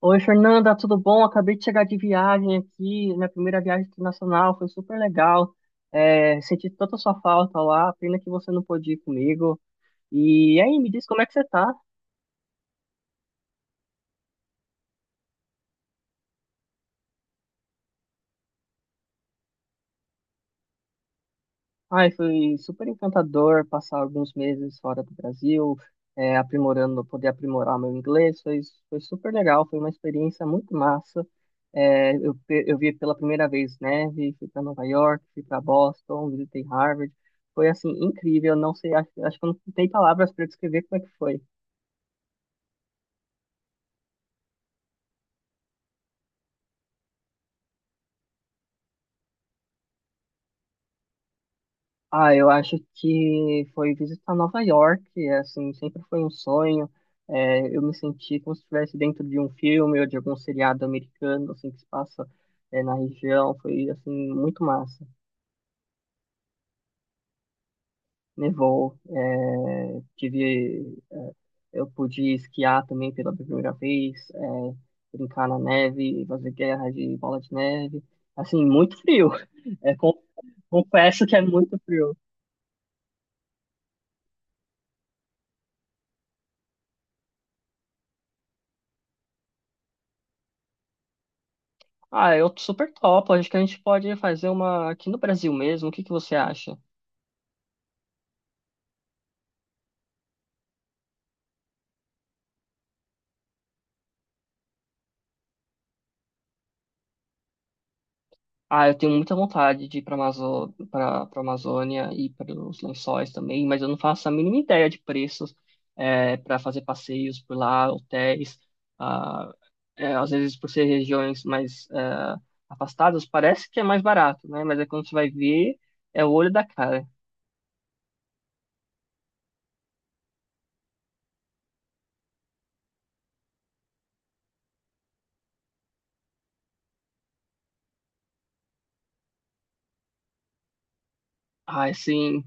Oi, Fernanda, tudo bom? Acabei de chegar de viagem aqui. Minha primeira viagem internacional foi super legal. Senti tanta sua falta lá. Pena que você não pôde ir comigo. E aí, me diz como é que você tá? Ai, foi super encantador passar alguns meses fora do Brasil, aprimorando, poder aprimorar meu inglês. Foi super legal. Foi uma experiência muito massa. Eu vi pela primeira vez neve, fui para Nova York, fui para Boston, visitei Harvard. Foi assim incrível, não sei, acho que eu não tem palavras para descrever como é que foi. Ah, eu acho que foi visitar Nova York, assim, sempre foi um sonho. Eu me senti como se estivesse dentro de um filme ou de algum seriado americano, assim, que se passa, na região. Foi, assim, muito massa. Nevou, tive. Eu pude esquiar também pela primeira vez, brincar na neve, fazer guerra de bola de neve. Assim, muito frio. É, con- Confesso que é muito frio. Ah, eu super topo. Acho que a gente pode fazer uma aqui no Brasil mesmo. O que que você acha? Ah, eu tenho muita vontade de ir para Amazo... para Amazônia e para os Lençóis também, mas eu não faço a mínima ideia de preços para fazer passeios por lá, hotéis. Ah, é, às vezes, por ser regiões mais afastadas, parece que é mais barato, né? Mas é quando você vai ver, é o olho da cara. Ah, é sim,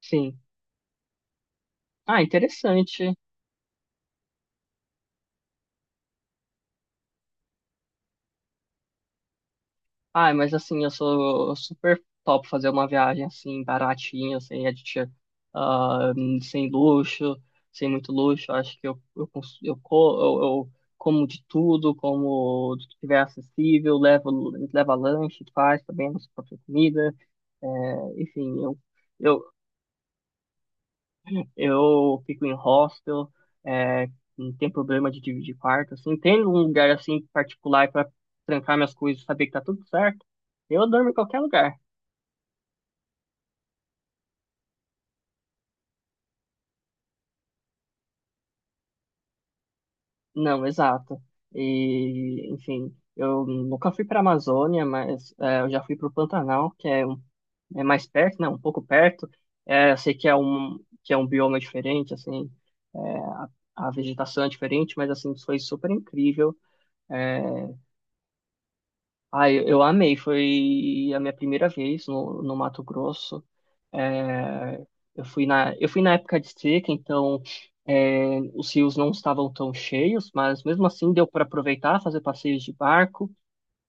sim. Ah, interessante. Ai, mas assim, eu sou super top fazer uma viagem assim, baratinha, sem aditivo, ah, sem luxo, sem muito luxo. Acho que eu, cons- eu, co- eu como de tudo, como do que tiver acessível, levo, leva lanche, faz também a nossa própria comida. É, enfim, eu, eu fico em hostel, é, não tem problema de dividir quarto, assim. Tem um lugar assim particular para trancar minhas coisas, e saber que tá tudo certo. Eu durmo em qualquer lugar. Não, exato. E, enfim, eu nunca fui para a Amazônia, mas é, eu já fui para o Pantanal, é mais perto, né? Um pouco perto. É, eu sei que é um bioma diferente, assim, é, a vegetação é diferente, mas assim foi super incrível. É, ah, eu amei. Foi a minha primeira vez no Mato Grosso. É, eu fui na época de seca, então os rios não estavam tão cheios, mas mesmo assim deu para aproveitar, fazer passeios de barco.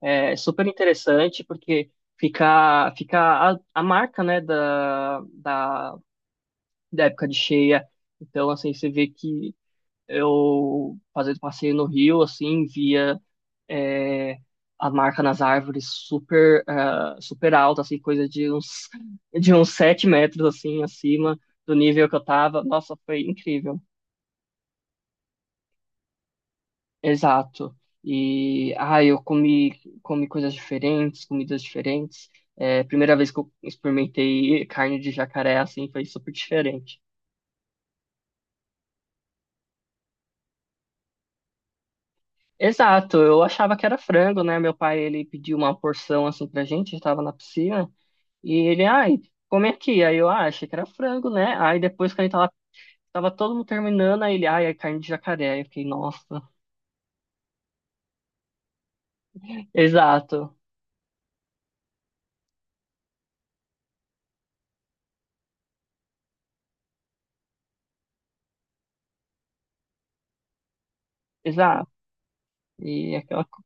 É super interessante porque fica a marca, né, da época de cheia. Então, assim, você vê que eu fazendo passeio no rio, assim, via é, a marca nas árvores super, ah, super alta, assim, coisa de uns 7 metros, assim, acima do nível que eu tava. Nossa, foi incrível. Exato. E, ah, comi coisas diferentes, comidas diferentes. É, primeira vez que eu experimentei carne de jacaré, assim, foi super diferente. Exato, eu achava que era frango, né? Meu pai, ele pediu uma porção, assim, pra gente, a gente tava na piscina. E ele, ai, come aqui. Aí eu, ah, achei que era frango, né? Aí depois que a gente tava todo mundo terminando, aí ele, ai, é carne de jacaré. Aí eu fiquei, nossa. Exato, exato. E aquela co-.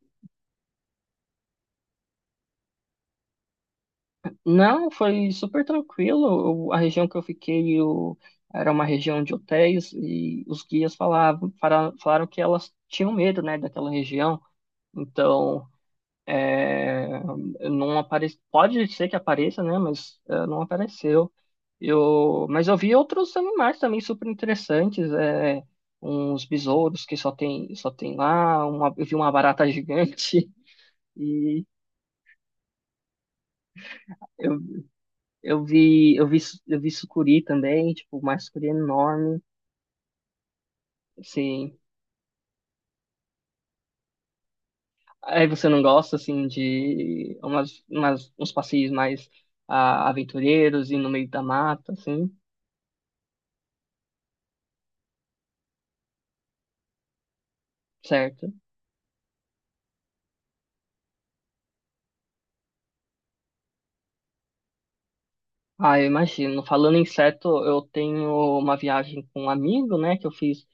Não, foi super tranquilo. O-. A região que eu fiquei eu... era uma região de hotéis e os guias falaram que elas tinham medo, né, daquela região. Então. É, não aparece, pode ser que apareça, né? Mas é, não apareceu. Mas eu vi outros animais também super interessantes, uns besouros só tem lá, uma, eu vi uma barata gigante e eu, eu vi, eu vi, eu vi sucuri também, tipo, uma sucuri enorme, assim. Aí você não gosta, assim, uns passeios mais ah, aventureiros e no meio da mata, assim, certo? Ah, eu imagino. Falando em inseto, eu tenho uma viagem com um amigo, né, que eu fiz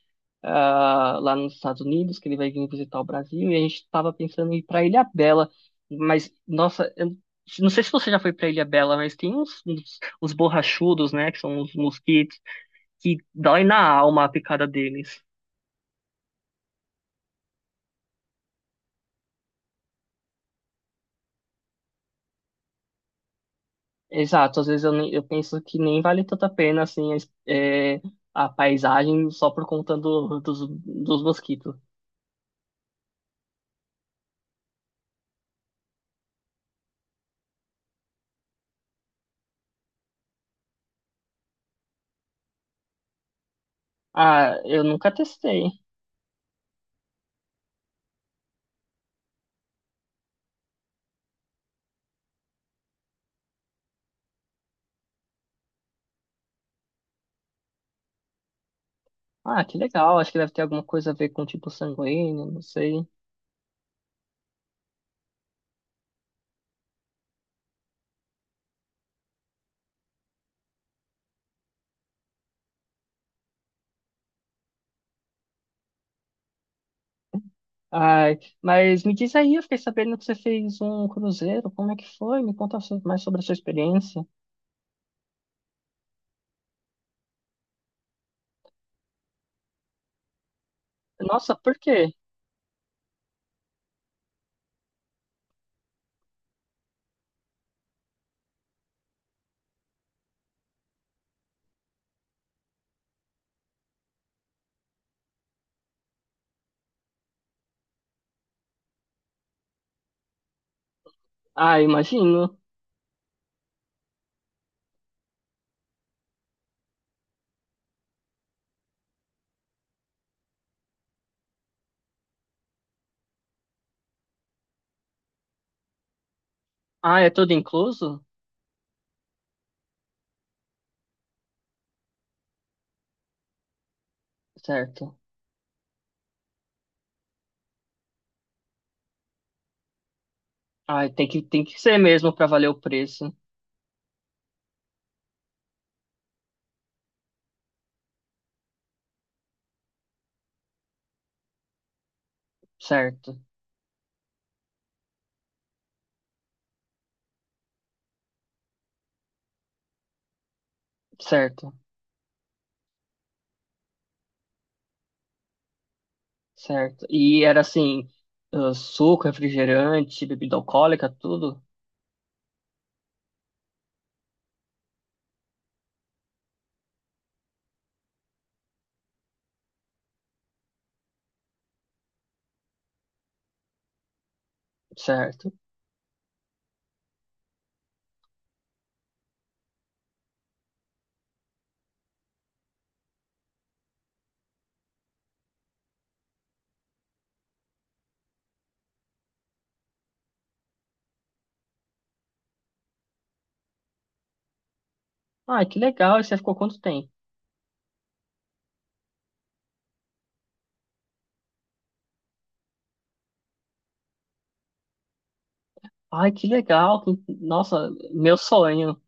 ah, lá nos Estados Unidos, que ele vai vir visitar o Brasil, e a gente estava pensando em ir para Ilhabela. Mas, nossa, eu não sei se você já foi para Ilhabela, mas tem uns borrachudos, né, que são os mosquitos, que dói na alma a picada deles. Exato, às vezes eu penso que nem vale tanto a pena, assim, a paisagem só por conta dos mosquitos. Ah, eu nunca testei. Ah, que legal. Acho que deve ter alguma coisa a ver com tipo sanguíneo, não sei. Ai, mas me diz aí, eu fiquei sabendo que você fez um cruzeiro. Como é que foi? Me conta mais sobre a sua experiência. Nossa, por quê? Ah, imagino. Ah, é tudo incluso? Certo. Ah, tem que ser mesmo para valer o preço. Certo, certo, certo. E era assim, ah, suco, refrigerante, bebida alcoólica, tudo? Certo. Ah, que legal. E você ficou quanto tempo? Ai, que legal, que-. Nossa, meu sonho.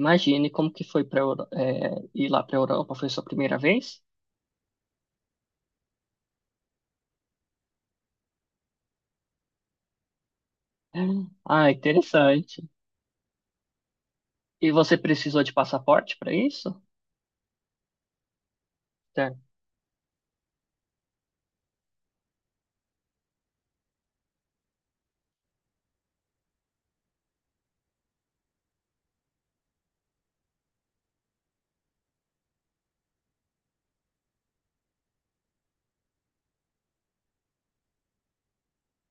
Imagine como que foi para ir lá para Europa. Foi sua primeira vez? Ah, interessante. E você precisou de passaporte para isso? Certo.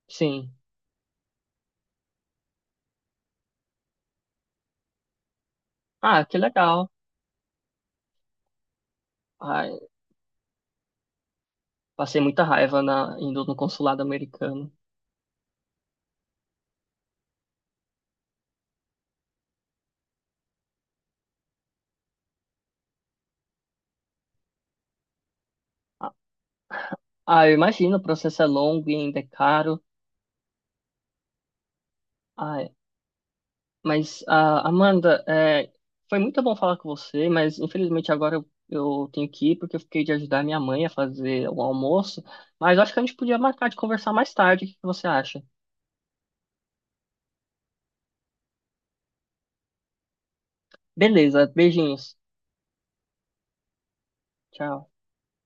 Sim. Ah, que legal. Ai, passei muita raiva na, indo no consulado americano. Ah, eu imagino, o processo é longo e ainda é caro. Mas, ah, Amanda, é, foi muito bom falar com você, mas infelizmente agora eu tenho que ir porque eu fiquei de ajudar minha mãe a fazer o almoço. Mas acho que a gente podia marcar de conversar mais tarde. O que você acha? Beleza, beijinhos. Tchau.